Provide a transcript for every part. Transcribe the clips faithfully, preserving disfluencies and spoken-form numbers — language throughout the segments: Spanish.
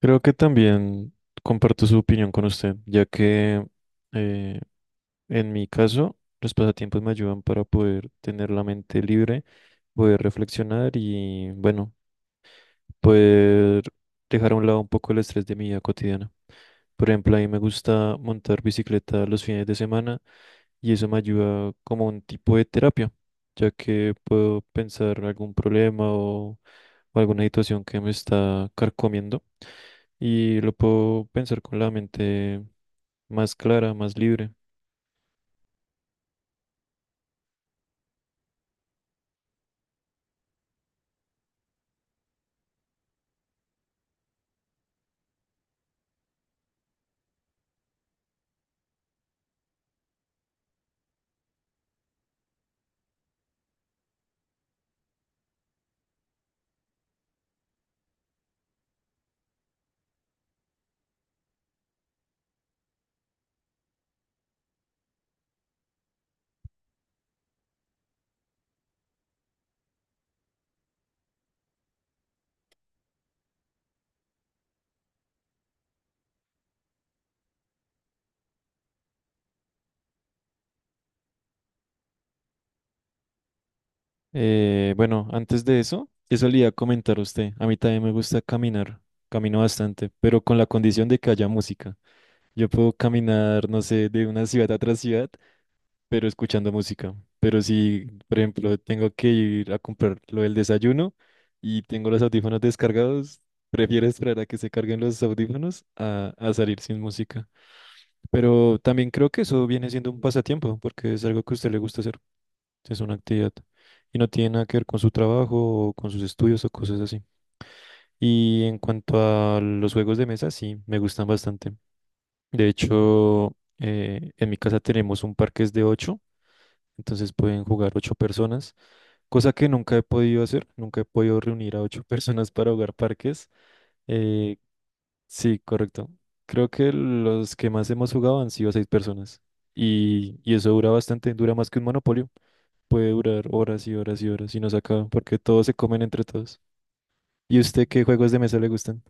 Creo que también comparto su opinión con usted, ya que eh, en mi caso los pasatiempos me ayudan para poder tener la mente libre, poder reflexionar y bueno, poder dejar a un lado un poco el estrés de mi vida cotidiana. Por ejemplo, a mí me gusta montar bicicleta los fines de semana y eso me ayuda como un tipo de terapia, ya que puedo pensar algún problema o, o alguna situación que me está carcomiendo y lo puedo pensar con la mente más clara, más libre. Eh, bueno, antes de eso, eso le iba a comentar a usted. A mí también me gusta caminar, camino bastante, pero con la condición de que haya música. Yo puedo caminar, no sé, de una ciudad a otra ciudad, pero escuchando música. Pero si, por ejemplo, tengo que ir a comprar lo del desayuno y tengo los audífonos descargados, prefiero esperar a que se carguen los audífonos a, a salir sin música. Pero también creo que eso viene siendo un pasatiempo, porque es algo que a usted le gusta hacer, es una actividad. Y no tiene nada que ver con su trabajo o con sus estudios o cosas así. Y en cuanto a los juegos de mesa, sí, me gustan bastante. De hecho, eh, en mi casa tenemos un parque es de ocho, entonces pueden jugar ocho personas, cosa que nunca he podido hacer, nunca he podido reunir a ocho personas para jugar parques. Eh, sí, correcto. Creo que los que más hemos jugado han sido seis personas y, y eso dura bastante, dura más que un monopolio. Puede durar horas y horas y horas y no se acaba porque todos se comen entre todos. ¿Y usted qué juegos de mesa le gustan?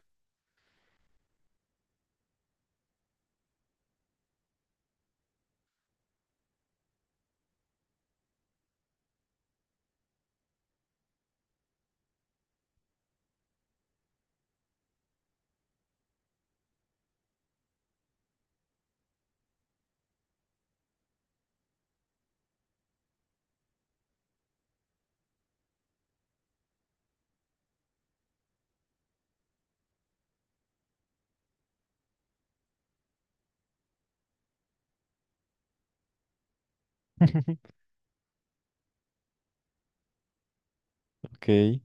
Ok.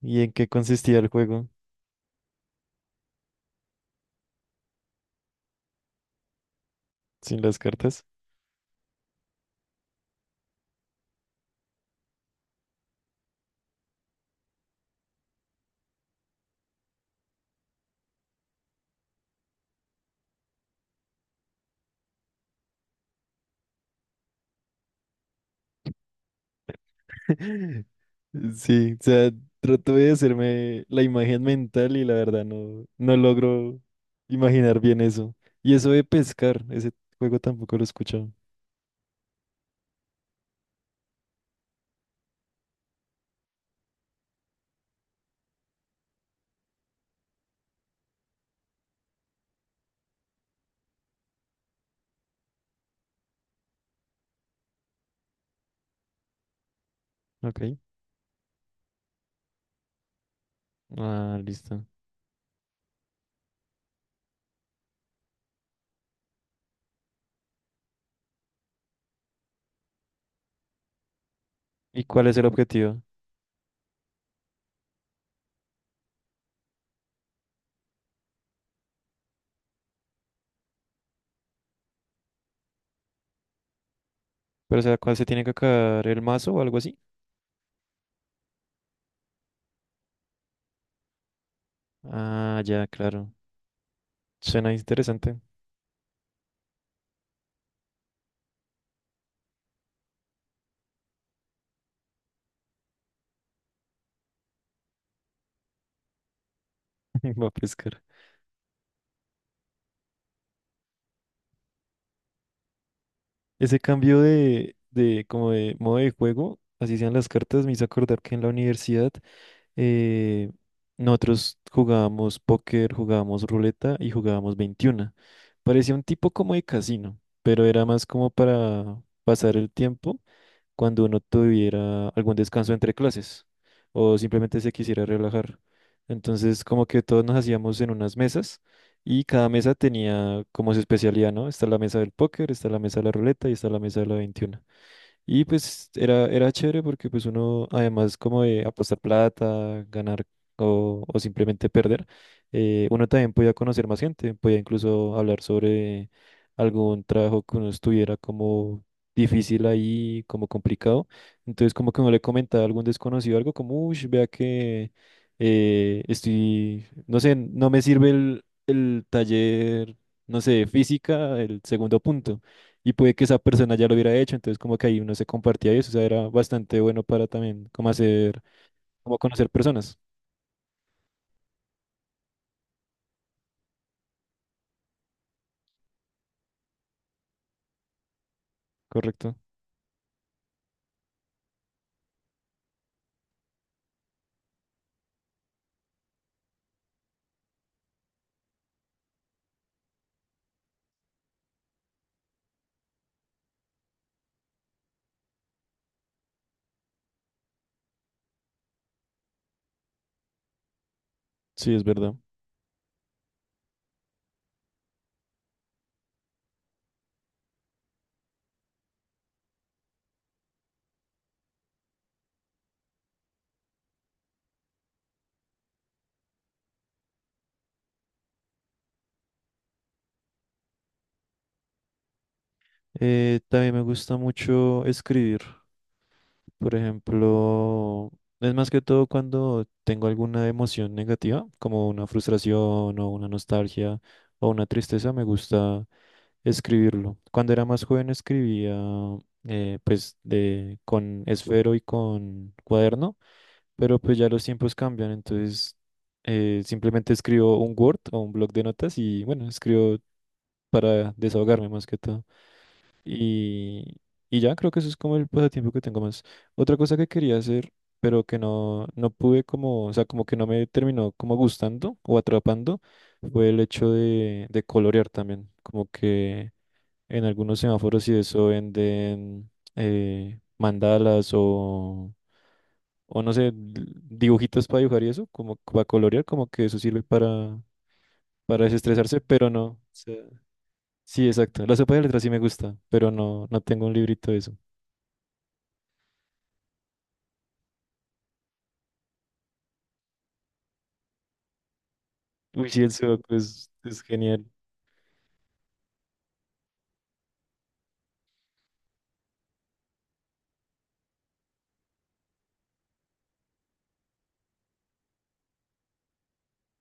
¿Y en qué consistía el juego sin las cartas? Sí, o sea, trato de hacerme la imagen mental y la verdad no, no logro imaginar bien eso. Y eso de pescar, ese juego tampoco lo he escuchado. Ok, ah, listo. ¿Y cuál es el objetivo? Pero, o sea, ¿cuál se tiene que acabar? ¿El mazo o algo así? Ah, ya, claro. Suena interesante. Va a pescar. Ese cambio de, de, como de modo de juego, así sean las cartas, me hizo acordar que en la universidad eh, nosotros jugábamos póker, jugábamos ruleta y jugábamos veintiuno. Parecía un tipo como de casino, pero era más como para pasar el tiempo cuando uno tuviera algún descanso entre clases o simplemente se quisiera relajar. Entonces, como que todos nos hacíamos en unas mesas y cada mesa tenía como su especialidad, ¿no? Está la mesa del póker, está la mesa de la ruleta y está la mesa de la veintiuno. Y pues era, era chévere porque pues uno, además como de apostar plata, ganar o, o simplemente perder, eh, uno también podía conocer más gente, podía incluso hablar sobre algún trabajo que uno estuviera como difícil ahí, como complicado. Entonces como que uno le comentaba a algún desconocido algo como, uy, vea que eh, estoy, no sé, no me sirve el, el taller, no sé, de física, el segundo punto y puede que esa persona ya lo hubiera hecho, entonces como que ahí uno se compartía y eso, o sea, era bastante bueno para también como hacer, como conocer personas, ¿correcto? Sí, es verdad. Eh, también me gusta mucho escribir. Por ejemplo, es más que todo cuando tengo alguna emoción negativa, como una frustración o una nostalgia o una tristeza, me gusta escribirlo. Cuando era más joven escribía eh, pues de, con esfero y con cuaderno, pero pues ya los tiempos cambian, entonces eh, simplemente escribo un Word o un blog de notas y bueno, escribo para desahogarme más que todo. Y, y ya creo que eso es como el pasatiempo que tengo más. Otra cosa que quería hacer, pero que no, no pude como, o sea, como que no me terminó como gustando o atrapando, fue el hecho de, de colorear también. Como que en algunos semáforos y eso venden eh, mandalas o, o no sé, l- dibujitos para dibujar y eso, como para colorear, como que eso sirve para, para desestresarse, pero no. O sea, sí, exacto. La sopa de letras sí me gusta, pero no, no tengo un librito de eso. Uy, sí, el sudoku es, es genial.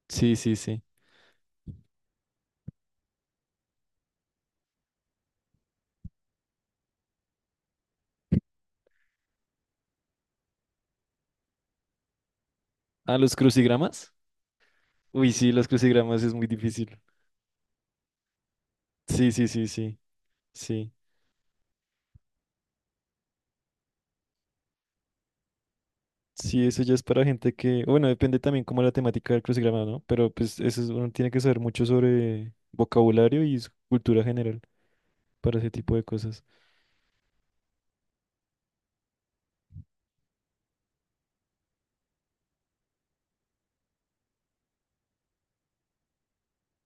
Sí, sí, sí. ¿Ah, los crucigramas? Uy, sí, los crucigramas es muy difícil. Sí, sí, sí, sí, sí. Sí, eso ya es para gente que, bueno, depende también como la temática del crucigrama, ¿no? Pero pues eso es- uno tiene que saber mucho sobre vocabulario y su cultura general para ese tipo de cosas.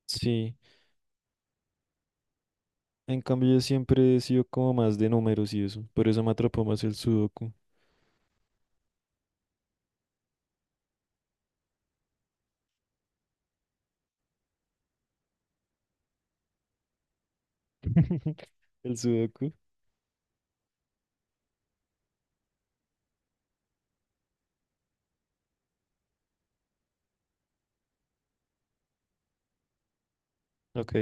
Sí. En cambio, yo siempre he sido como más de números y eso. Por eso me atrapó más el sudoku. El sudoku. Ok.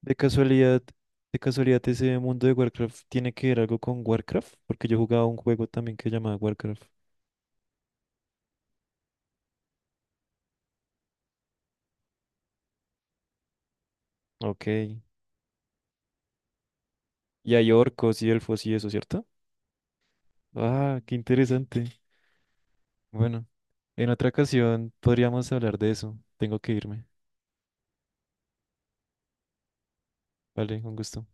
De casualidad, de casualidad ese mundo de Warcraft tiene que ver algo con Warcraft, porque yo jugaba un juego también que llamaba Warcraft. Ok. Y hay orcos y elfos y eso, ¿cierto? Ah, qué interesante. Bueno, en otra ocasión podríamos hablar de eso. Tengo que irme. Vale, un gusto.